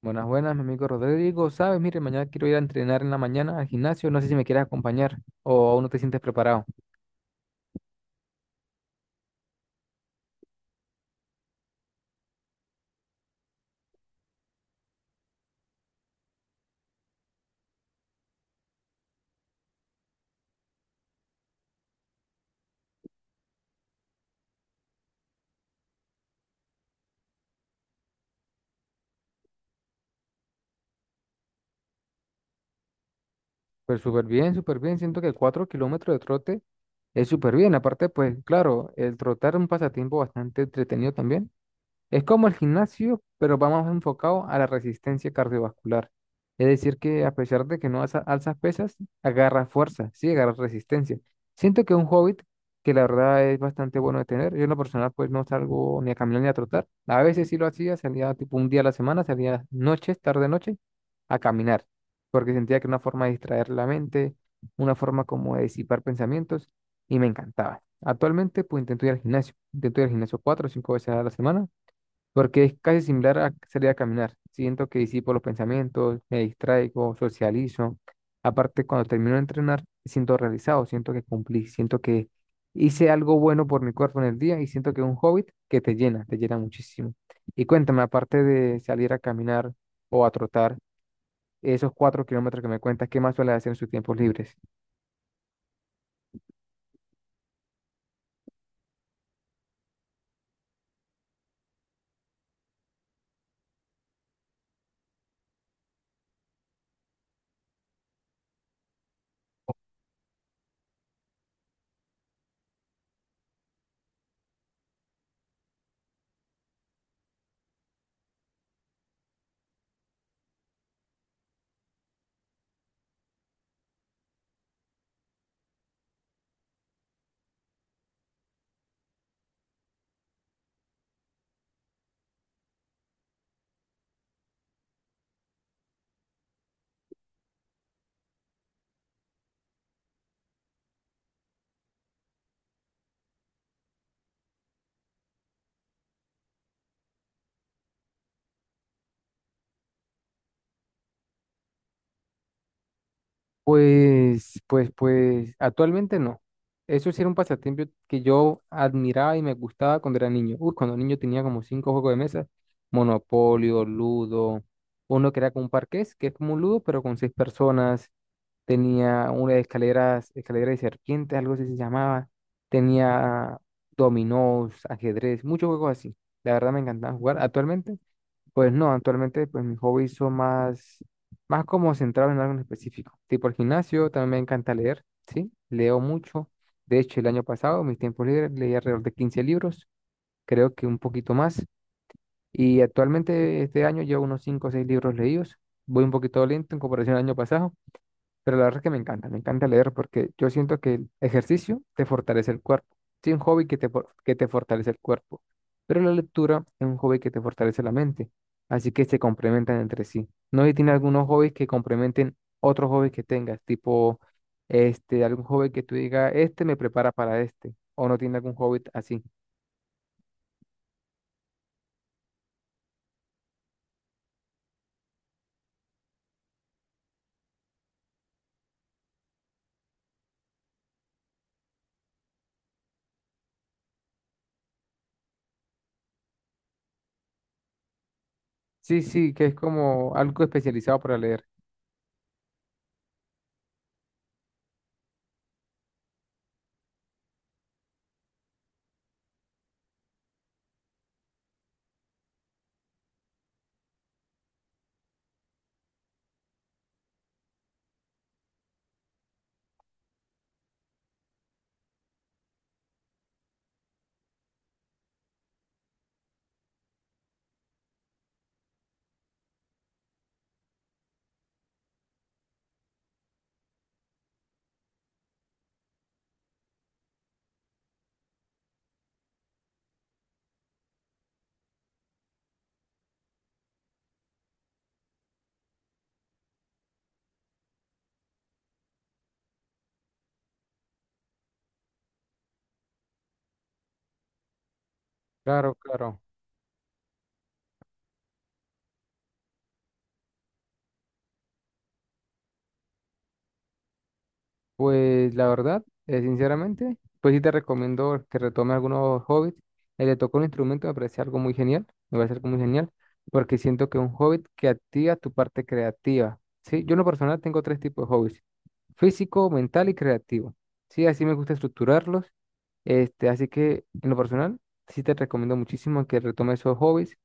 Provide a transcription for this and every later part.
Buenas, buenas, mi amigo Rodrigo. Sabes, mire, mañana quiero ir a entrenar en la mañana al gimnasio. No sé si me quieres acompañar o aún no te sientes preparado. Pues súper bien, súper bien. Siento que cuatro kilómetros de trote es súper bien. Aparte, pues claro, el trotar es un pasatiempo bastante entretenido también. Es como el gimnasio, pero va más enfocado a la resistencia cardiovascular. Es decir, que a pesar de que no alza- alzas pesas, agarras fuerza, sí, agarras resistencia. Siento que es un hobby que la verdad es bastante bueno de tener. Yo en lo personal pues no salgo ni a caminar ni a trotar. A veces sí lo hacía, salía tipo un día a la semana, salía noches, tarde noche, a caminar, porque sentía que era una forma de distraer la mente, una forma como de disipar pensamientos y me encantaba. Actualmente pues intento ir al gimnasio, intento ir al gimnasio cuatro o cinco veces a la semana porque es casi similar a salir a caminar. Siento que disipo los pensamientos, me distraigo, socializo. Aparte, cuando termino de entrenar, siento realizado, siento que cumplí, siento que hice algo bueno por mi cuerpo en el día y siento que es un hobby que te llena muchísimo. Y cuéntame, aparte de salir a caminar o a trotar, esos cuatro kilómetros que me cuentas, ¿qué más suele hacer en sus tiempos libres? Pues, actualmente no. Eso sí era un pasatiempo que yo admiraba y me gustaba cuando era niño. Uy, cuando niño tenía como cinco juegos de mesa, Monopolio, Ludo, uno que era como un parqués, que es como un Ludo, pero con seis personas. Tenía una de escaleras, escalera de serpientes, algo así se llamaba. Tenía dominós, ajedrez, muchos juegos así. La verdad me encantaba jugar. Actualmente pues no, actualmente pues mis hobbies son más como centrados en algo en específico. Tipo el gimnasio, también me encanta leer, ¿sí? Leo mucho. De hecho, el año pasado, mis tiempos libres, leí alrededor de 15 libros, creo que un poquito más. Y actualmente este año llevo unos 5 o 6 libros leídos. Voy un poquito lento en comparación al año pasado, pero la verdad es que me encanta leer porque yo siento que el ejercicio te fortalece el cuerpo. Sí, un hobby que que te fortalece el cuerpo, pero la lectura es un hobby que te fortalece la mente. Así que se complementan entre sí. No sé si tiene algunos hobbies que complementen otros hobbies que tengas, tipo este, algún hobby que tú digas, este me prepara para este, o no tiene algún hobby así. Sí, sí, que es como algo especializado para leer. Claro, claro. Pues la verdad, sinceramente, pues sí te recomiendo que retomes algunos hobbits. El de tocar un instrumento me parece algo muy genial, me parece algo muy genial, porque siento que es un hobbit que activa tu parte creativa. Sí, yo en lo personal tengo tres tipos de hobbies, físico, mental y creativo. Sí, así me gusta estructurarlos. Este, así que en lo personal, sí te recomiendo muchísimo que retomes esos hobbies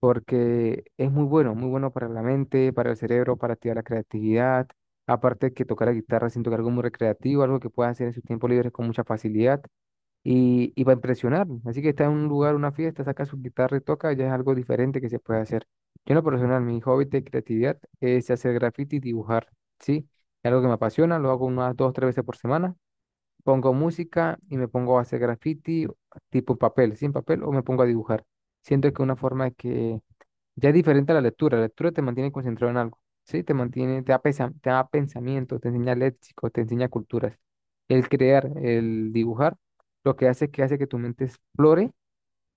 porque es muy bueno, muy bueno para la mente, para el cerebro, para activar la creatividad. Aparte de que tocar la guitarra, siento que algo muy recreativo, algo que puedas hacer en su tiempo libre con mucha facilidad y para impresionar. Así que está en un lugar, una fiesta, saca su guitarra y toca, ya es algo diferente que se puede hacer. Yo en lo personal, mi hobby de creatividad es hacer graffiti y dibujar, ¿sí? Es algo que me apasiona, lo hago unas dos, tres veces por semana. Pongo música y me pongo a hacer graffiti tipo papel, sin papel, o me pongo a dibujar. Siento que es una forma de que ya es diferente a la lectura. La lectura te mantiene concentrado en algo, ¿sí? Te mantiene, te da pensamiento, te enseña léxico, te enseña culturas. El crear, el dibujar, lo que hace es que hace que tu mente explore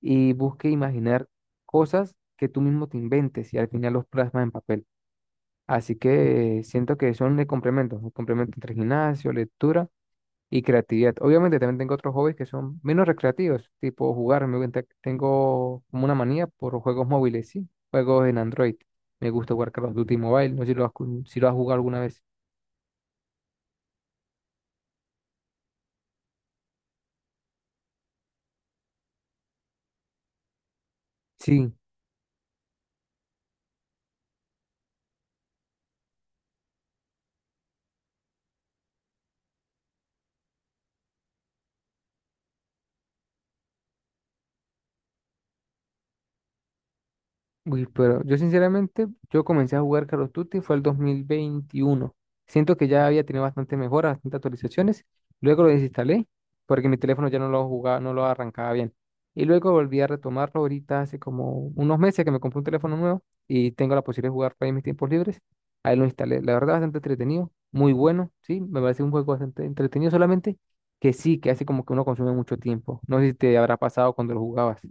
y busque imaginar cosas que tú mismo te inventes y al final los plasmas en papel. Así que siento que son el complemento entre gimnasio, lectura y creatividad. Obviamente también tengo otros hobbies que son menos recreativos, tipo jugar. Me gusta, tengo como una manía por juegos móviles, sí, juegos en Android. Me gusta jugar Call of Duty Mobile, no sé si lo has, cu- si lo has jugado alguna vez. Sí. Uy, pero yo sinceramente, yo comencé a jugar Call of Duty fue el 2021. Siento que ya había tenido bastante mejoras, bastantes actualizaciones. Luego lo desinstalé porque mi teléfono ya no lo jugaba, no lo arrancaba bien. Y luego volví a retomarlo ahorita hace como unos meses que me compré un teléfono nuevo y tengo la posibilidad de jugar para mis tiempos libres. Ahí lo instalé. La verdad, bastante entretenido, muy bueno, sí, me parece un juego bastante entretenido solamente que sí, que hace como que uno consume mucho tiempo. No sé si te habrá pasado cuando lo jugabas.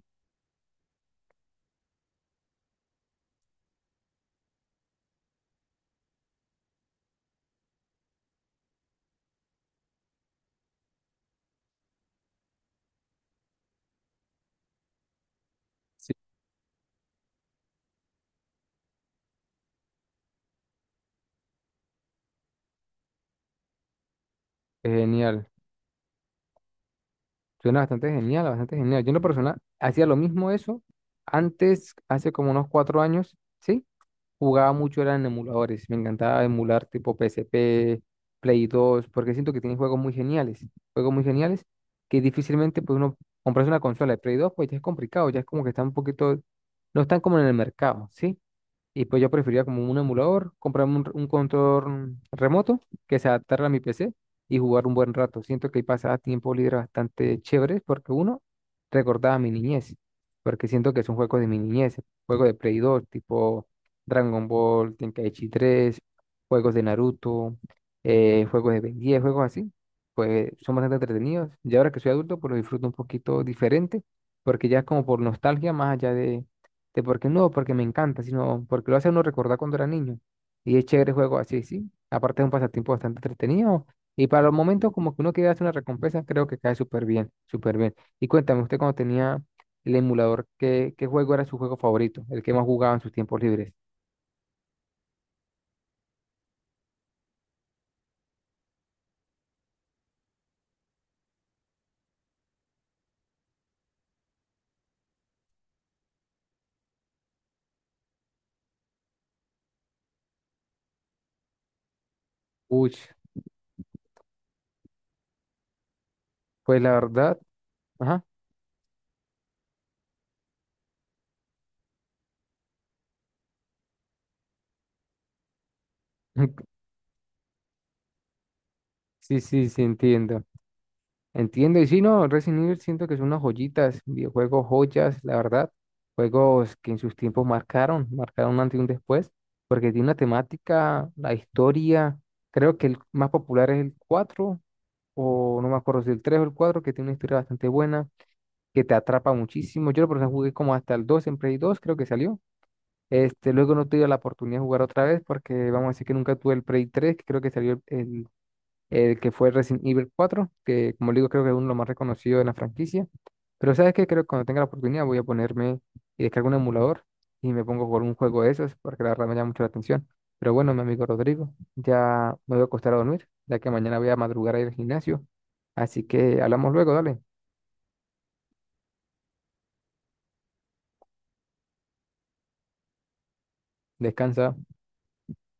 Sí. Genial. Suena bastante genial, bastante genial. Yo en lo personal hacía lo mismo eso. Antes, hace como unos cuatro años, sí, jugaba mucho, eran en emuladores. Me encantaba emular tipo PSP, Play 2, porque siento que tienen juegos muy geniales. Juegos muy geniales que difícilmente pues uno comprarse una consola de Play 2, pues ya es complicado, ya es como que está un poquito, no están como en el mercado, ¿sí? Y pues yo preferiría como un emulador, comprarme un control remoto que se adaptara a mi PC y jugar un buen rato. Siento que ahí pasaba tiempo libre bastante chévere porque uno recordaba mi niñez, porque siento que son juegos de mi niñez, juegos de Play 2, tipo Dragon Ball, Tenkaichi 3 juegos de Naruto, juegos de Ben 10, juegos así. Pues son bastante entretenidos. Y ahora que soy adulto, pues lo disfruto un poquito diferente, porque ya es como por nostalgia más allá de porque no, porque me encanta, sino porque lo hace a uno recordar cuando era niño. Y es chévere el juego así, sí. Aparte es un pasatiempo bastante entretenido. Y para los momentos como que uno quiere hacer una recompensa, creo que cae súper bien, súper bien. Y cuéntame, usted cuando tenía el emulador, ¿qué juego era su juego favorito? El que más jugaba en sus tiempos libres. Uy, pues la verdad, ajá. Sí, sí, sí, entiendo. Entiendo, y sí, no, Resident Evil siento que son unas joyitas, videojuegos joyas, la verdad, juegos que en sus tiempos marcaron, marcaron un antes y un después, porque tiene una temática, la historia, creo que el más popular es el 4 o no me acuerdo si el 3 o el 4 que tiene una historia bastante buena, que te atrapa muchísimo. Yo, por ejemplo, jugué como hasta el 2 en Play 2 creo que salió. Este, luego no tuve la oportunidad de jugar otra vez, porque vamos a decir que nunca tuve el Play 3 que creo que salió el, que fue Resident Evil 4 que como le digo creo que es uno de los más reconocidos de la franquicia. Pero ¿sabes qué? Creo que cuando tenga la oportunidad voy a ponerme y descargo un emulador y me pongo a un juego de esos porque la verdad me llama mucho la atención. Pero bueno, mi amigo Rodrigo, ya me voy a acostar a dormir, ya que mañana voy a madrugar a ir al gimnasio. Así que hablamos luego, dale. Descansa.